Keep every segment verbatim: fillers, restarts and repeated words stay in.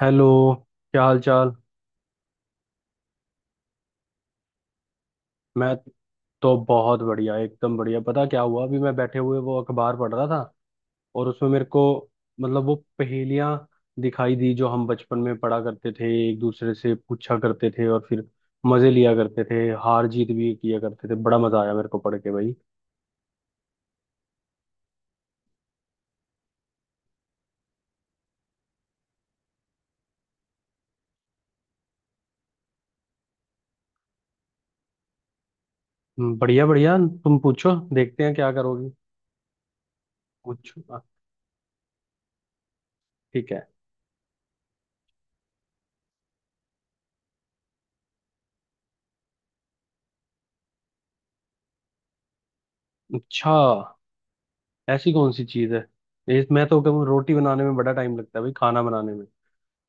Hello. क्या हाल चाल? मैं तो बहुत बढ़िया, एकदम बढ़िया। पता क्या हुआ? अभी मैं बैठे हुए वो अखबार पढ़ रहा था, और उसमें मेरे को मतलब वो पहेलियां दिखाई दी, जो हम बचपन में पढ़ा करते थे, एक दूसरे से पूछा करते थे और फिर मजे लिया करते थे, हार जीत भी किया करते थे। बड़ा मजा आया मेरे को पढ़ के भाई। हम्म, बढ़िया बढ़िया। तुम पूछो, देखते हैं क्या करोगी। पूछो हाँ। ठीक है। अच्छा, ऐसी कौन सी चीज है? ये- मैं तो कहूँ रोटी बनाने में बड़ा टाइम लगता है भाई, खाना बनाने में,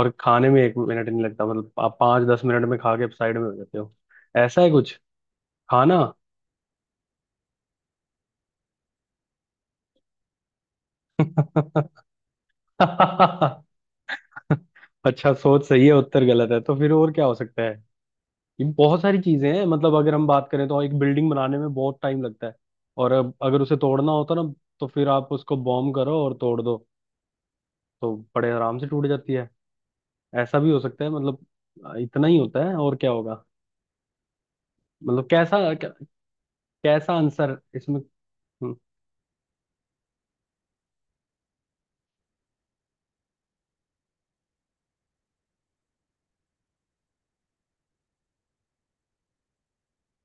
और खाने में एक मिनट नहीं लगता। मतलब आप पाँच दस मिनट में खा के साइड में हो जाते हो। ऐसा है कुछ? खाना? अच्छा, सोच सही है उत्तर गलत है, तो फिर और क्या हो सकता है? ये बहुत सारी चीजें हैं। मतलब अगर हम बात करें, तो एक बिल्डिंग बनाने में बहुत टाइम लगता है, और अब अगर उसे तोड़ना होता ना, तो फिर आप उसको बॉम्ब करो और तोड़ दो, तो बड़े आराम से टूट जाती है। ऐसा भी हो सकता है मतलब। इतना ही होता है, और क्या होगा? मतलब कैसा क्या, कैसा आंसर इसमें? हम्म।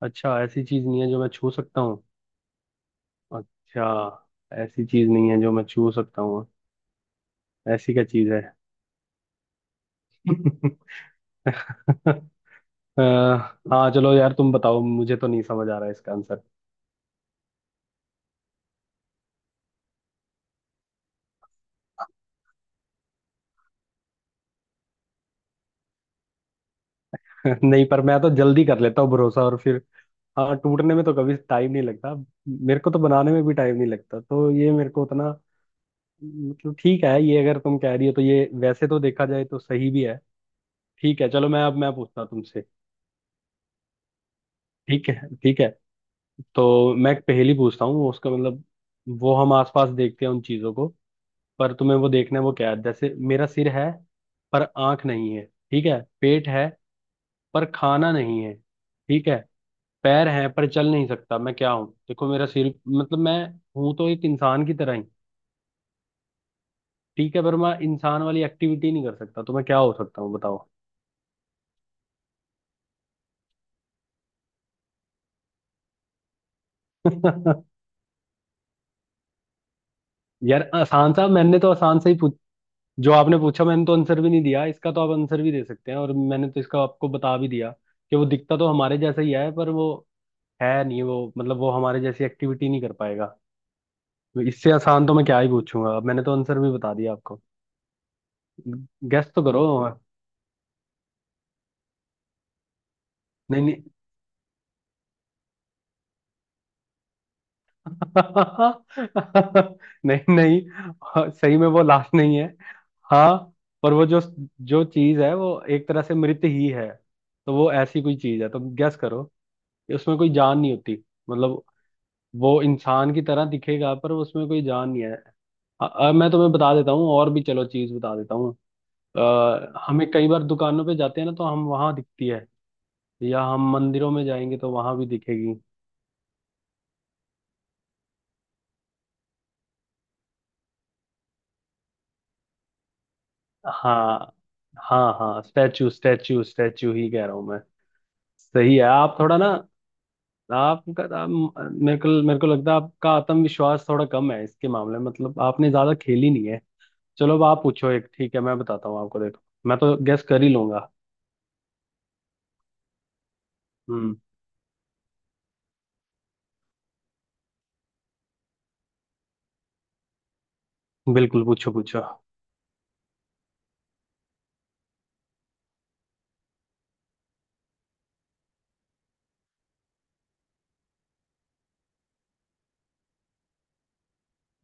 अच्छा, ऐसी चीज नहीं है जो मैं छू सकता हूँ। अच्छा, ऐसी चीज नहीं है जो मैं छू सकता हूँ। ऐसी क्या चीज है? अ, हाँ चलो यार तुम बताओ, मुझे तो नहीं समझ आ रहा है इसका आंसर। नहीं, पर मैं तो जल्दी कर लेता हूँ भरोसा, और फिर हाँ, टूटने में तो कभी टाइम नहीं लगता। मेरे को तो बनाने में भी टाइम नहीं लगता, तो ये मेरे को उतना मतलब ठीक है, ये अगर तुम कह रही हो तो ये वैसे तो देखा जाए तो सही भी है। ठीक है चलो, मैं अब मैं पूछता हूँ तुमसे। ठीक है, ठीक है। तो मैं एक पहेली पूछता हूँ, उसका मतलब वो हम आसपास देखते हैं उन चीजों को, पर तुम्हें वो देखना है वो क्या है। जैसे मेरा सिर है पर आंख नहीं है, ठीक है? पेट है पर खाना नहीं है, ठीक है? पैर हैं पर चल नहीं सकता। मैं क्या हूँ? देखो मेरा सिर मतलब मैं हूं तो एक इंसान की तरह ही, ठीक है? पर मैं इंसान वाली एक्टिविटी नहीं कर सकता। तो मैं क्या हो सकता हूँ बताओ। यार आसान सा, मैंने तो आसान सा ही जो आपने पूछा, मैंने तो आंसर भी नहीं दिया इसका, तो आप आंसर भी दे सकते हैं, और मैंने तो इसका आपको बता भी दिया कि वो दिखता तो हमारे जैसा ही है, पर वो है नहीं, वो मतलब वो हमारे जैसी एक्टिविटी नहीं कर पाएगा। तो इससे आसान तो मैं क्या ही पूछूंगा, अब मैंने तो आंसर भी बता दिया आपको। गेस तो करो। नहीं नहीं, नहीं नहीं सही में वो लाश नहीं है। हाँ, पर वो जो जो चीज है वो एक तरह से मृत ही है। तो वो ऐसी कोई चीज है, तो गैस करो कि उसमें कोई जान नहीं होती। मतलब वो इंसान की तरह दिखेगा पर उसमें कोई जान नहीं है। अ, अ, मैं तुम्हें बता देता हूँ और भी, चलो चीज बता देता हूँ। अ, हमें कई बार दुकानों पे जाते हैं ना, तो हम वहां दिखती है, या हम मंदिरों में जाएंगे तो वहां भी दिखेगी। हाँ, हाँ, हाँ स्टैचू, स्टैचू, स्टैचू ही कह रहा हूँ मैं। सही है, आप थोड़ा ना आपका आप, मेरे को मेरे को लगता है आपका आत्मविश्वास थोड़ा कम है इसके मामले में, मतलब आपने ज्यादा खेली नहीं है। चलो अब आप पूछो एक, ठीक है? मैं बताता हूँ आपको, देखो मैं तो गेस कर ही लूंगा। बिल्कुल पूछो पूछो।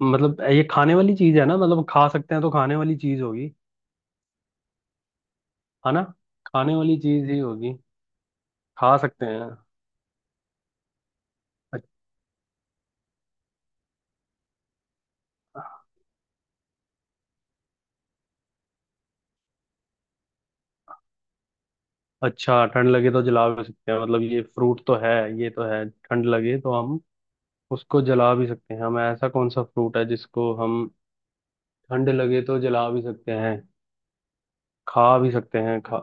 मतलब ये खाने वाली चीज है ना? मतलब खा सकते हैं तो खाने वाली चीज होगी, है ना? खाने वाली चीज ही होगी, खा सकते हैं। अ- अच्छा, ठंड लगे तो जला भी सकते हैं, मतलब ये फ्रूट तो है, ये तो है। ठंड लगे तो हम उसको जला भी सकते हैं। हम, ऐसा कौन सा फ्रूट है जिसको हम ठंड लगे तो जला भी सकते हैं, खा भी सकते हैं, खा?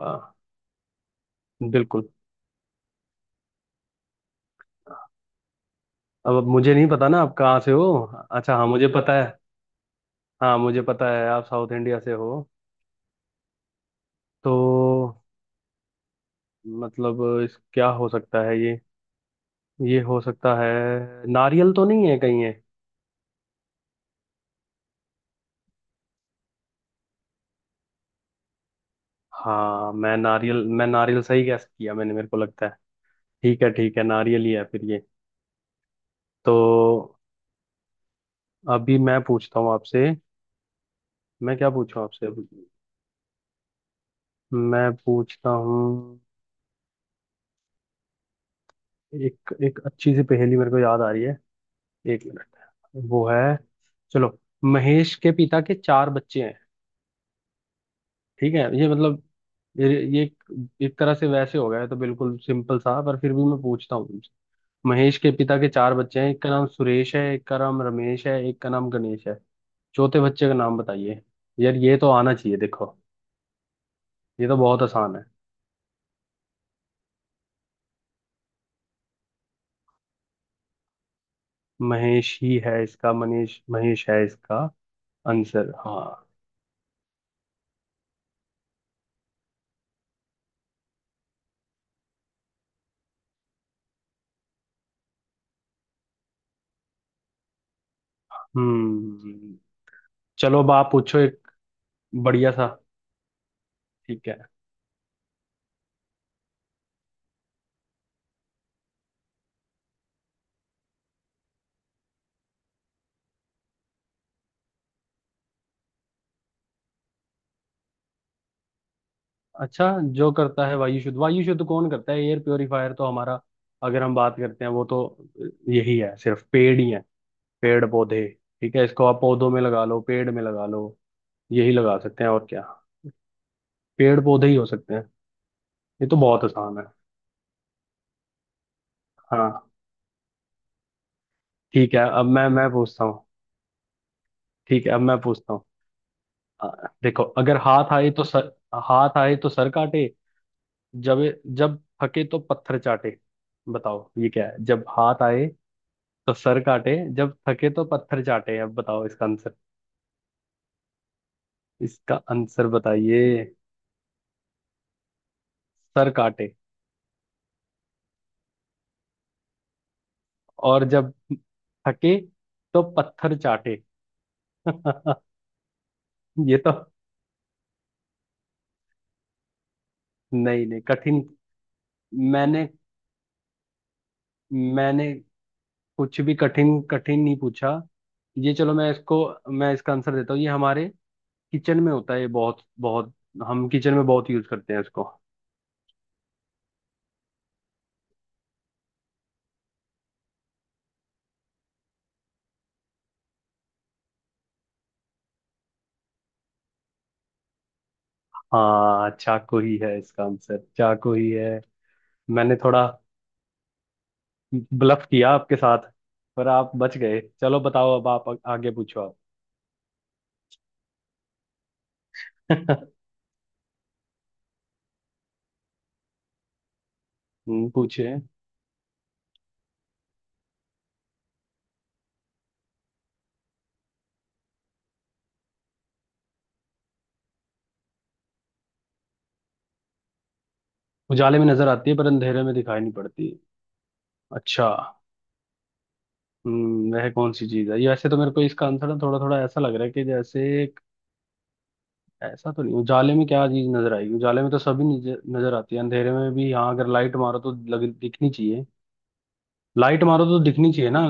बिल्कुल। अब अब मुझे नहीं पता ना आप कहाँ से हो। अच्छा हाँ, मुझे पता है। हाँ, मुझे पता है आप साउथ इंडिया से हो। तो मतलब इस क्या हो सकता है ये ये हो सकता है नारियल तो नहीं है कहीं ये? हाँ, मैं नारियल मैं नारियल सही गैस किया मैंने, मेरे को लगता है। ठीक है ठीक है, नारियल ही है फिर ये। तो अभी मैं पूछता हूँ आपसे। मैं क्या पूछूं आपसे अभी? मैं पूछता हूँ, एक एक अच्छी सी पहेली मेरे को याद आ रही है। एक मिनट, वो है, चलो। महेश के पिता के चार बच्चे हैं, ठीक है? ये मतलब ये ये एक एक तरह से वैसे हो गया है तो, बिल्कुल सिंपल सा, पर फिर भी मैं पूछता हूँ तुमसे। महेश के पिता के चार बच्चे हैं। एक का नाम सुरेश है, एक का नाम रमेश है, एक का नाम गणेश है। चौथे बच्चे का नाम बताइए। यार ये तो आना चाहिए, देखो ये तो बहुत आसान है। महेश ही है इसका, मनीष महेश है इसका आंसर। हाँ। हम्म। चलो अब आप पूछो एक बढ़िया सा। ठीक है। अच्छा, जो करता है वायु शुद्ध, वायु शुद्ध कौन करता है? एयर प्योरीफायर तो हमारा, अगर हम बात करते हैं वो, तो यही है। सिर्फ पेड़ ही है, पेड़ पौधे, ठीक है? इसको आप पौधों में लगा लो, पेड़ में लगा लो, यही लगा सकते हैं और क्या। पेड़ पौधे ही हो सकते हैं। ये तो बहुत आसान है। हाँ। ठीक है, अब मैं मैं पूछता हूँ। ठीक है अब मैं पूछता हूँ। आ, देखो, अगर हाथ आए तो सर, हाथ आए तो सर काटे, जब जब थके तो पत्थर चाटे। बताओ ये क्या है? जब हाथ आए तो सर काटे, जब थके तो पत्थर चाटे। अब बताओ इसका आंसर, इसका आंसर बताइए। सर काटे, और जब थके तो पत्थर चाटे। ये तो नहीं नहीं कठिन, मैंने मैंने कुछ भी कठिन कठिन नहीं पूछा। ये चलो मैं इसको, मैं इसका आंसर देता हूँ। ये हमारे किचन में होता है, ये बहुत बहुत, हम किचन में बहुत यूज करते हैं इसको। हाँ चाकू ही है इसका आंसर, चाकू ही है। मैंने थोड़ा ब्लफ किया आपके साथ, पर आप बच गए। चलो बताओ अब आप आ- आगे पूछो आप। हम्म, पूछे। उजाले में नजर आती है पर अंधेरे में दिखाई नहीं पड़ती। अच्छा। हम्म, वह कौन सी चीज है? ये वैसे तो मेरे को इसका आंसर ना थोड़ा थोड़ा ऐसा लग रहा है कि जैसे एक- ऐसा तो नहीं। उजाले में क्या चीज नजर आएगी? उजाले में तो सभी नजर नजर आती है, अंधेरे में भी, हाँ अगर लाइट मारो तो लग दिखनी चाहिए। लाइट मारो तो दिखनी चाहिए ना।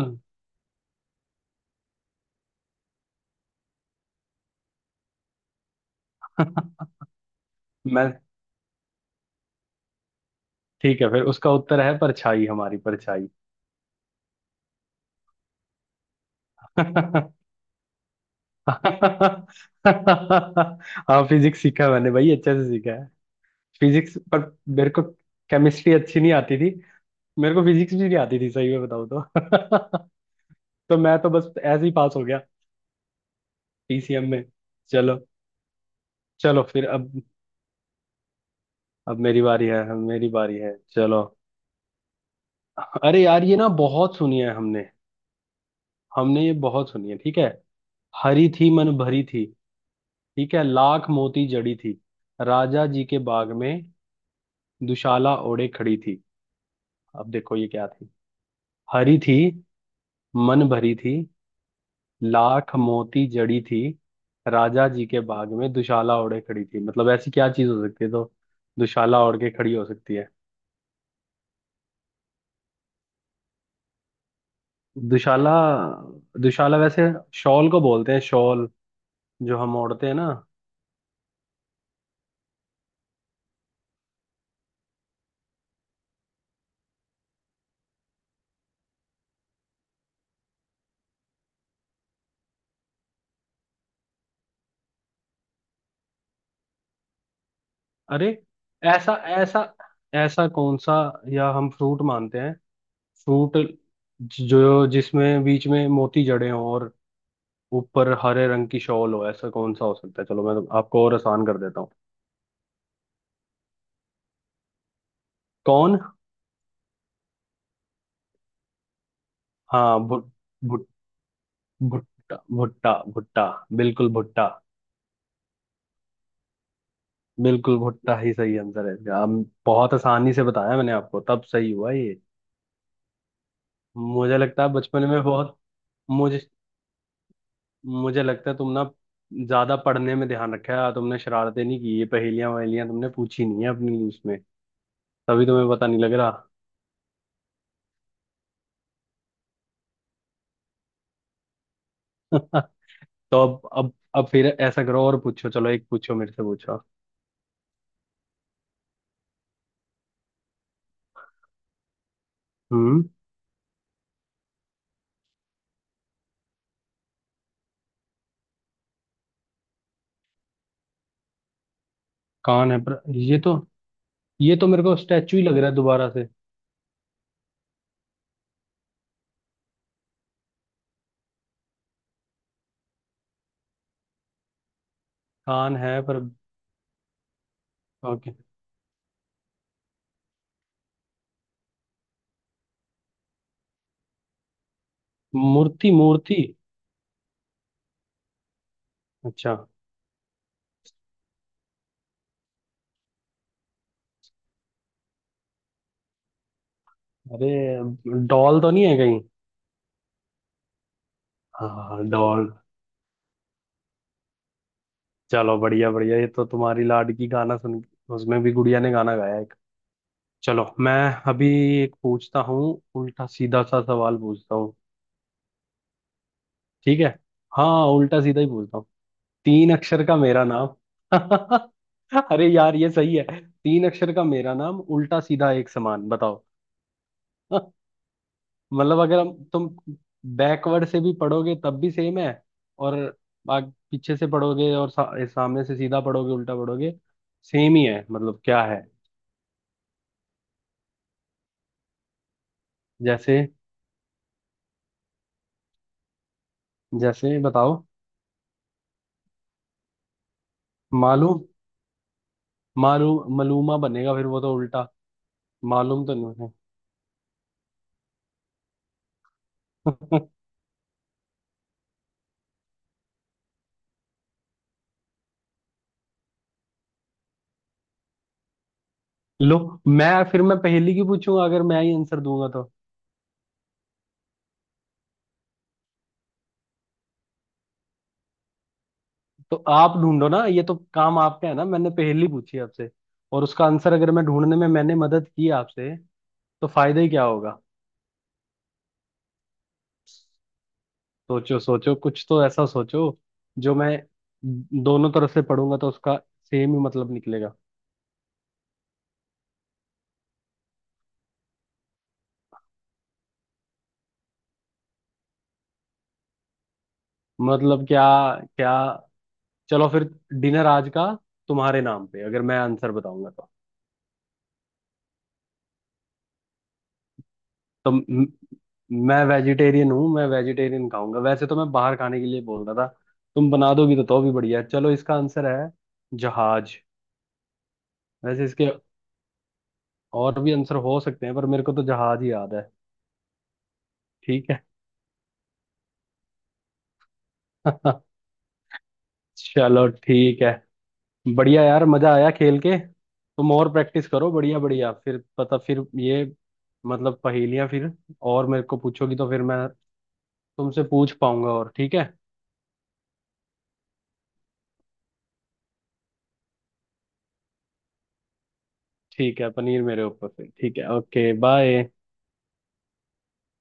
मैं ठीक है, फिर उसका उत्तर है परछाई, हमारी परछाई। हाँ फिजिक्स सीखा है मैंने भाई, अच्छे से सीखा है। फिजिक्स पर मेरे को केमिस्ट्री अच्छी नहीं आती थी। मेरे को फिजिक्स भी नहीं आती थी सही में बताऊँ तो। तो मैं तो बस ऐसे ही पास हो गया पी सी एम में। चलो। चलो फिर अब, अब मेरी बारी है अब मेरी बारी है चलो। अरे यार ये ना बहुत सुनी है हमने, हमने ये बहुत सुनी है, ठीक है? हरी थी मन भरी थी, ठीक है, लाख मोती जड़ी थी, राजा जी के बाग में दुशाला ओढ़े खड़ी थी। अब देखो ये क्या थी। हरी थी, मन भरी थी, लाख मोती जड़ी थी, राजा जी के बाग में दुशाला ओढ़े खड़ी थी। मतलब ऐसी क्या चीज हो सकती है तो, दुशाला ओढ़ के खड़ी हो सकती है। दुशाला, दुशाला वैसे शॉल को बोलते हैं, शॉल जो हम ओढ़ते हैं ना। अरे, ऐसा ऐसा ऐसा कौन सा, या हम फ्रूट मानते हैं, फ्रूट जो जिसमें बीच में मोती जड़े हों और ऊपर हरे रंग की शॉल हो, ऐसा कौन सा हो सकता है? चलो मैं तो आपको और आसान कर देता हूँ। कौन। हाँ, भुट भुट भुट्टा, भुट्टा, भुट्टा, बिल्कुल भुट्टा। बिल्कुल भुट्टा ही सही आंसर है इसका। हम बहुत आसानी से बताया मैंने आपको, तब सही हुआ ये। मुझे लगता है बचपन में बहुत, मुझे मुझे लगता है तुम ना ज्यादा पढ़ने में ध्यान रखा है तुमने, शरारतें नहीं की। ये पहेलियां वहेलियां तुमने पूछी नहीं है अपनी उसमें, तभी तुम्हें पता नहीं लग रहा। तो अब अब अब फिर ऐसा करो और पूछो, चलो एक पूछो, मेरे से पूछो। हम्म। कान है पर, ये तो ये तो मेरे को स्टैचू ही लग रहा है दोबारा से। कान है पर, ओके। मूर्ति, मूर्ति। अच्छा, अरे डॉल तो नहीं है कहीं? हाँ डॉल। चलो बढ़िया बढ़िया, ये तो तुम्हारी लाडकी गाना सुन, उसमें भी गुड़िया ने गाना गाया एक। चलो मैं अभी एक पूछता हूँ, उल्टा सीधा सा सवाल पूछता हूँ, ठीक है? हाँ उल्टा सीधा ही पूछता हूँ। तीन अक्षर का मेरा नाम। अरे यार ये सही है। तीन अक्षर का मेरा नाम, उल्टा सीधा एक समान, बताओ। मतलब अगर हम तुम बैकवर्ड से भी पढ़ोगे तब भी सेम है। और आग, पीछे से पढ़ोगे और सा, सामने से सीधा पढ़ोगे उल्टा पढ़ोगे सेम ही है। मतलब क्या है? जैसे जैसे बताओ। मालूम, मालूम, मालूमा बनेगा, फिर वो तो उल्टा मालूम तो नहीं है। लो, मैं फिर मैं पहेली की पूछूंगा अगर मैं ही आंसर दूंगा तो। तो आप ढूंढो ना, ये तो काम आपका है ना। मैंने पहेली पूछी आपसे, और उसका आंसर अगर मैं ढूंढने में मैंने मदद की आपसे, तो फायदा ही क्या होगा? सोचो सोचो, कुछ तो ऐसा सोचो जो मैं दोनों तरफ से पढ़ूंगा तो उसका सेम ही मतलब निकलेगा। मतलब क्या क्या? चलो फिर, डिनर आज का तुम्हारे नाम पे अगर मैं आंसर बताऊंगा तो। तो म- मैं वेजिटेरियन हूँ, मैं वेजिटेरियन खाऊंगा, वैसे तो मैं बाहर खाने के लिए बोल रहा था। तुम बना दोगी तो तो भी बढ़िया है। चलो इसका आंसर है, जहाज। वैसे इसके और भी आंसर हो सकते हैं, पर मेरे को तो जहाज ही याद है। ठीक है। चलो ठीक है, बढ़िया यार, मजा आया खेल के। तुम और प्रैक्टिस करो बढ़िया, बढ़िया फिर पता, फिर ये मतलब पहेलियां फिर और मेरे को पूछोगी, तो फिर मैं तुमसे पूछ पाऊंगा। और ठीक है, ठीक है पनीर मेरे ऊपर फिर। ठीक है, ओके बाय।